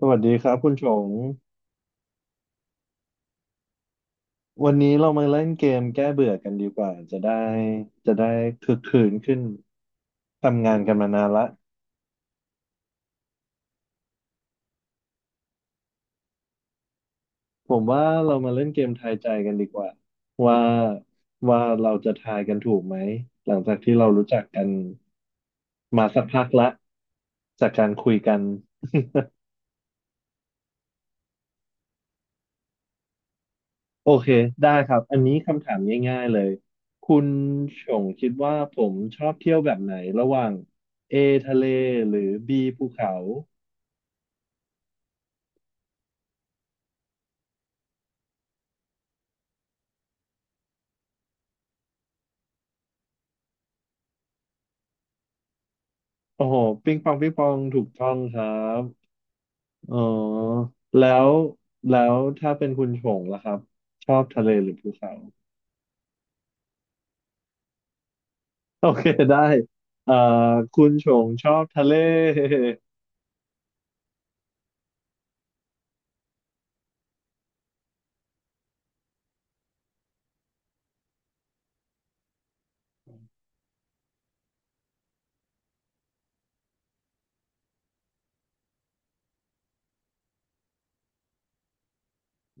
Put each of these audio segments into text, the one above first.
สวัสดีครับคุณชง วันนี้เรามาเล่นเกมแก้เบื่อกันดีกว่าจะได้คึกคืนขึ้นทำงานกันมานานละผมว่าเรามาเล่นเกมทายใจกันดีกว่าว่าว่าเราจะทายกันถูกไหมหลังจากที่เรารู้จักกันมาสักพักละจากการคุยกันโอเคได้ครับอันนี้คำถามง่ายๆเลยคุณชงคิดว่าผมชอบเที่ยวแบบไหนระหว่าง A ทะเลหรือ B ภูเขา โอ้โหปิ้งปองปิ้งปองถูกต้องครับอ๋อแล้วแล้วถ้าเป็นคุณชงล่ะครับชอบทะเลหรือภูเขาโอเคได้เอ่อคุณชงชอบทะเล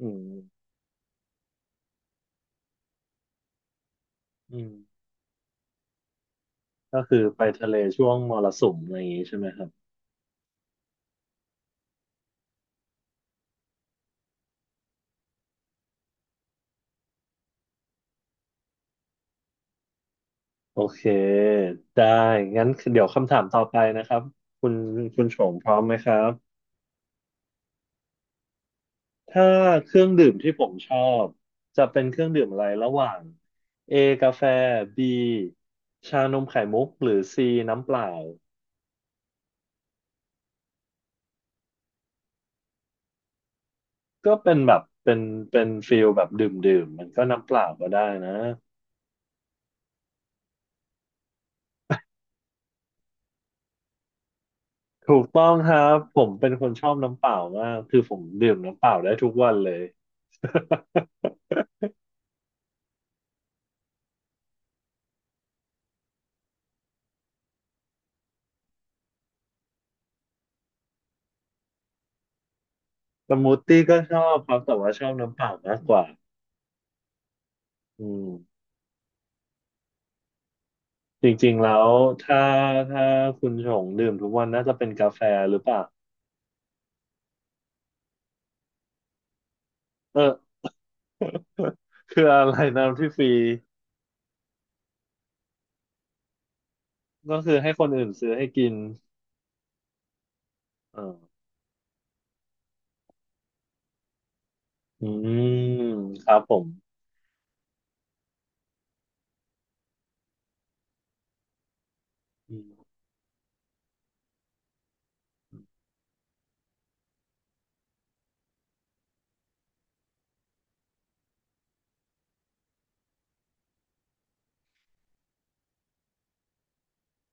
อืมอืมก็คือไปทะเลช่วงมรสุมอะไรอย่างงี้ใช่ไหมครับโอเคได้งั้นเดี๋ยวคำถามต่อไปนะครับคุณคุณชงพร้อมไหมครับ ถ้าเครื่องดื่มที่ผมชอบจะเป็นเครื่องดื่มอะไรระหว่าง A กาแฟ B ชานมไข่มุกหรือ C น้ำเปล่าก็เป็นแบบเป็นฟิลแบบดื่มดื่มมันก็น้ำเปล่าก็ได้นะถูกต้องครับผมเป็นคนชอบน้ำเปล่ามากคือผมดื่มน้ำเปล่าได้ทุกวันเลยสมูทตี้ก็ชอบครับแต่ว่าชอบน้ำเปล่ามากกว่าอืมจริงๆแล้วถ้าถ้าคุณชงดื่มทุกวันน่าจะเป็นกาแฟหรือเปล่าเออ คืออะไรน้ำที่ฟรีก็คือให้คนอื่นซื้อให้กินอ่าอืมครับผมอืม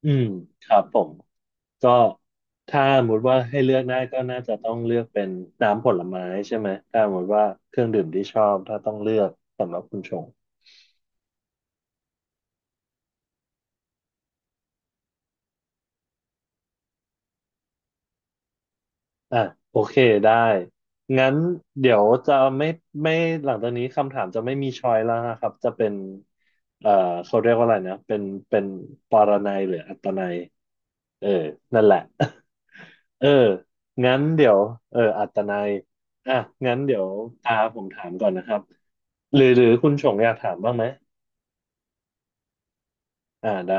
อืมครับผมก็ถ้าสมมติว่าให้เลือกได้ก็น่าจะต้องเลือกเป็นน้ำผลไม้ใช่ไหมถ้าสมมติว่าเครื่องดื่มที่ชอบถ้าต้องเลือกสำหรับคุณชง อ่ะโอเคได้งั้นเดี๋ยวจะไม่หลังจากนี้คำถามจะไม่มีชอยแล้วนะครับจะเป็นเอ่อเขาเรียกว่าอะไรนะเป็นปรนัยหรืออัตนัยเออนั่นแหละ เอองั้นเดี๋ยวอัตนัยอ่ะงั้นเดี๋ยวตาผมถามก่อนนะครับหรือคุณชงอยากถามบ้างไหมอ่าได้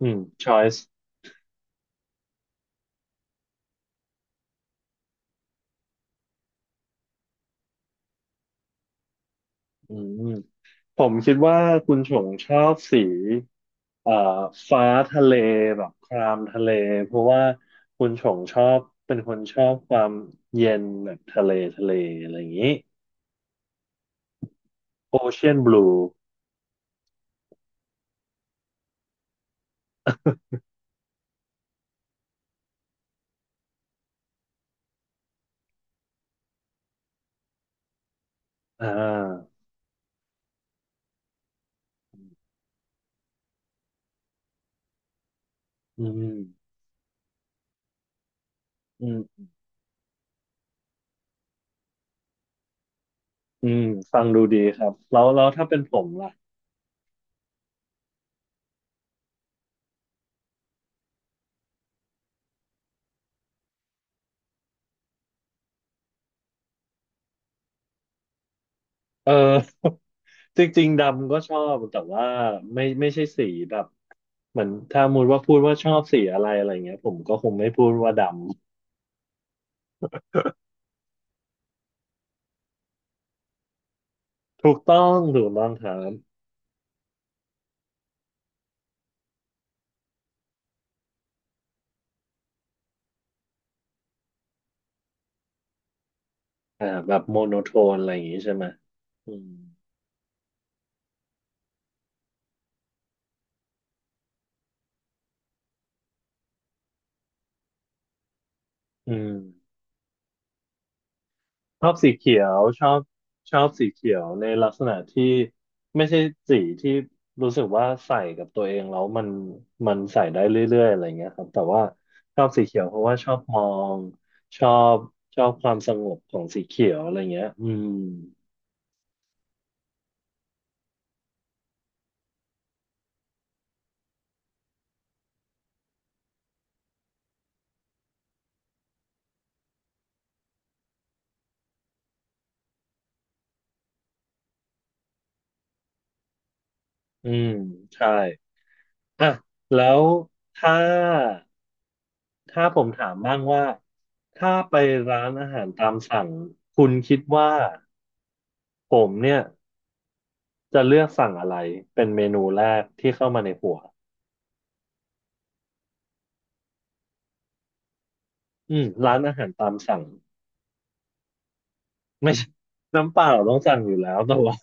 อืม choice อืม ผมคิดว่าคุณชงชอบสีเอ่อฟ้าทะเลแบบครามทะเลเพราะว่าคุณชงชอบเป็นคนชอบความเย็นแบบทะเลทะเลอะไรอย่างนี้โอเชียนบลูอ่าอืมอืมอืมฟังดูดีครับแล้วแล้วถ้าเป็นผมล่ะเออ จริงๆดำก็ชอบแต่ว่าไม่ใช่สีแบบเหมือนถ้ามูดว่าพูดว่าชอบสีอะไรอะไรเงี้ยผมก็คงไม่พูดว่าดำถูกต้องถูกต้องครับ อ่าแบบโมโนโทนอะไรอย่างงี้ใช่ไหมอืมอืมชอบสีเขียวชอบสีเขียวในลักษณะที่ไม่ใช่สีที่รู้สึกว่าใส่กับตัวเองแล้วมันมันใส่ได้เรื่อยๆอะไรเงี้ยครับแต่ว่าชอบสีเขียวเพราะว่างชอบชอบความสงบของสีเขียวอะไรเงี้ยอืมอืมใช่อ่ะแล้วถ้า ผมถามบ้างว่าถ้าไปร้านอาหารตามสั่งคุณคิดว่าผมเนี่ยจะเลือกสั่งอะไรเป็นเมนูแรกที่เข้ามาในหัวอืมร้านอาหารตามสั่งไม่ใช่น้ำเปล่าต้องสั่งอยู่แล้วแต่ว่า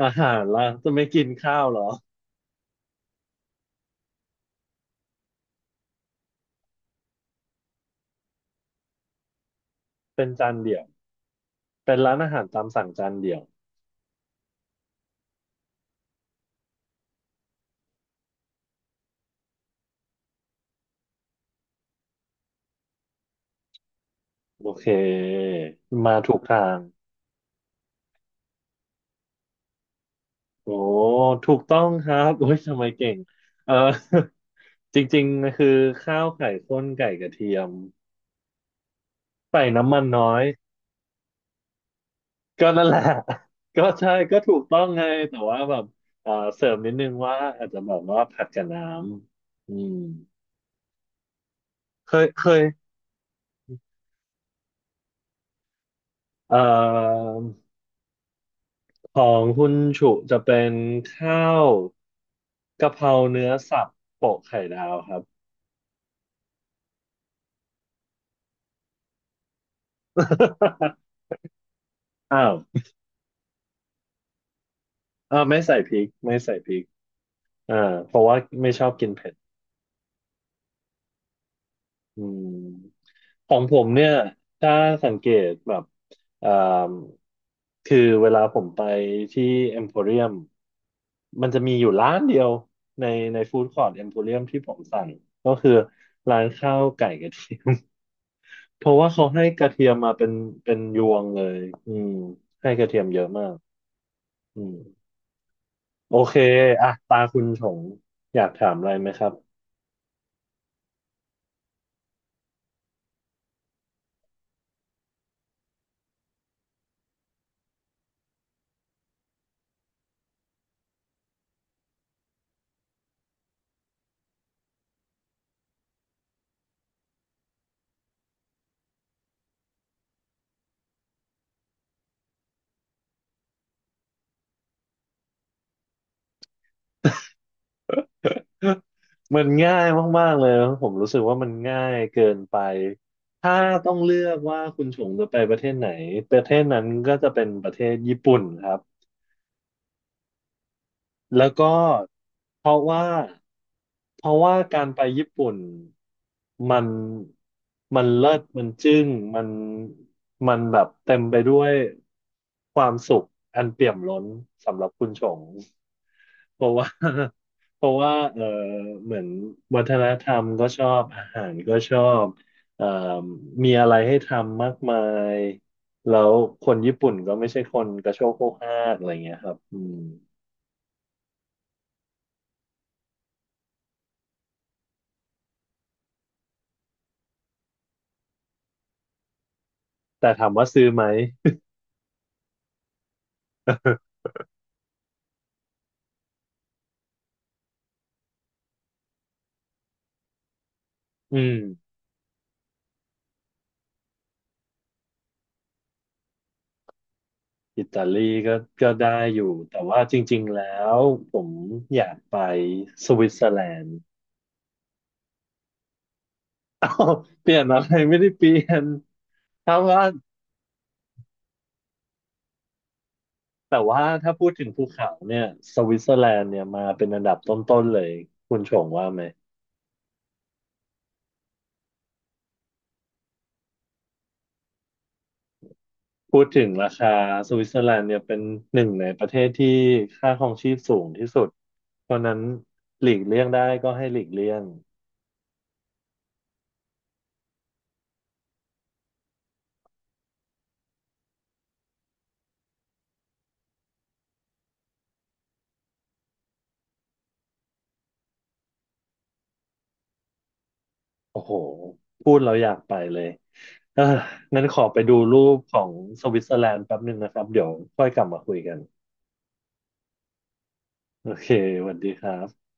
อาหารล่ะจะไม่กินข้าวเหรอเป็นจานเดี่ยวเป็นร้านอาหารตามสั่งจานเดี่ยวโอเคมาถูกทางโอ้ถูกต้องครับโอ้ยทำไมเก่งเออ จริงๆคือข้าวไข่ข้นไก่กระเทียม ใส่น้ำมันน้อยก็นั่นแหละ ก็ใช่ก็ถูกต้องไงแต่ว่าแบบเสริมนิดนึงว่าอาจจะแบบว่าผัดกับน้ำอืมเคยเคยเอ่อของคุณฉุจะเป็นข้าวกะเพราเนื้อสับโปะไข่ดาวครับ อ้าวอ้าวไม่ใส่พริกไม่ใส่พริกอ่าเพราะว่าไม่ชอบกินเผ็ด อืมของผมเนี่ยถ้าสังเกตแบบอ่าคือเวลาผมไปที่เอ็มโพเรียมมันจะมีอยู่ร้านเดียวในฟู้ดคอร์ e เอ็มโพเรียมที่ผมสั่งก็คือร้านข้าวไก่กระเทียม เพราะว่าเขาให้กระเทียมมาเป็นยวงเลยอืมให้กระเทียมเยอะมากอืมโอเคอ่ะตาคุณชงอยากถามอะไรไหมครับ มันง่ายมากๆเลยนะผมรู้สึกว่ามันง่ายเกินไปถ้าต้องเลือกว่าคุณชงจะไปประเทศไหนประเทศนั้นก็จะเป็นประเทศญี่ปุ่นครับ แล้วก็เพราะว่าเพราะว่าการไปญี่ปุ่นมันมันเลิศมันจึ้งมันมันแบบเต็มไปด้วยความสุขอันเปี่ยมล้นสำหรับคุณชงเพราะว่า เพราะว่าเออเหมือนวัฒนธรรมก็ชอบอาหารก็ชอบเอ่อมีอะไรให้ทำมากมายแล้วคนญี่ปุ่นก็ไม่ใช่คนกระโชกโคกฮากอะไรเงี้ยครับอืม แต่ถามว่าซื้อไหมอืมอิตาลีก็ก็ได้อยู่ แต่ว่าจริงๆแล้วผมอยากไปสวิตเซอร์แลนด์เปลี่ยนอะไรไม่ได้เปลี่ยนถ้าว่าแต่ว่าถ้าพูดถึงภูเขาเนี่ยสวิตเซอร์แลนด์เนี่ยมาเป็นอันดับต้นๆเลยคุณชงว่าไหม พูดถึงราคาสวิตเซอร์แลนด์เนี่ยเป็นหนึ่งในประเทศที่ค่าครองชีพสูงที่สุด เพราะฉะนั้นหลีกเลี่ยงได้ก็ให้หลีกเลี่ยง โอ้โห พูดเราอยากไปเลยเออนั้นขอไปดูรูปของสวิตเซอร์แลนด์แป๊บหนึ่งนะครับเดี๋ยวค่อยกลับมาคุยกัน โอเคสวัสดีครับ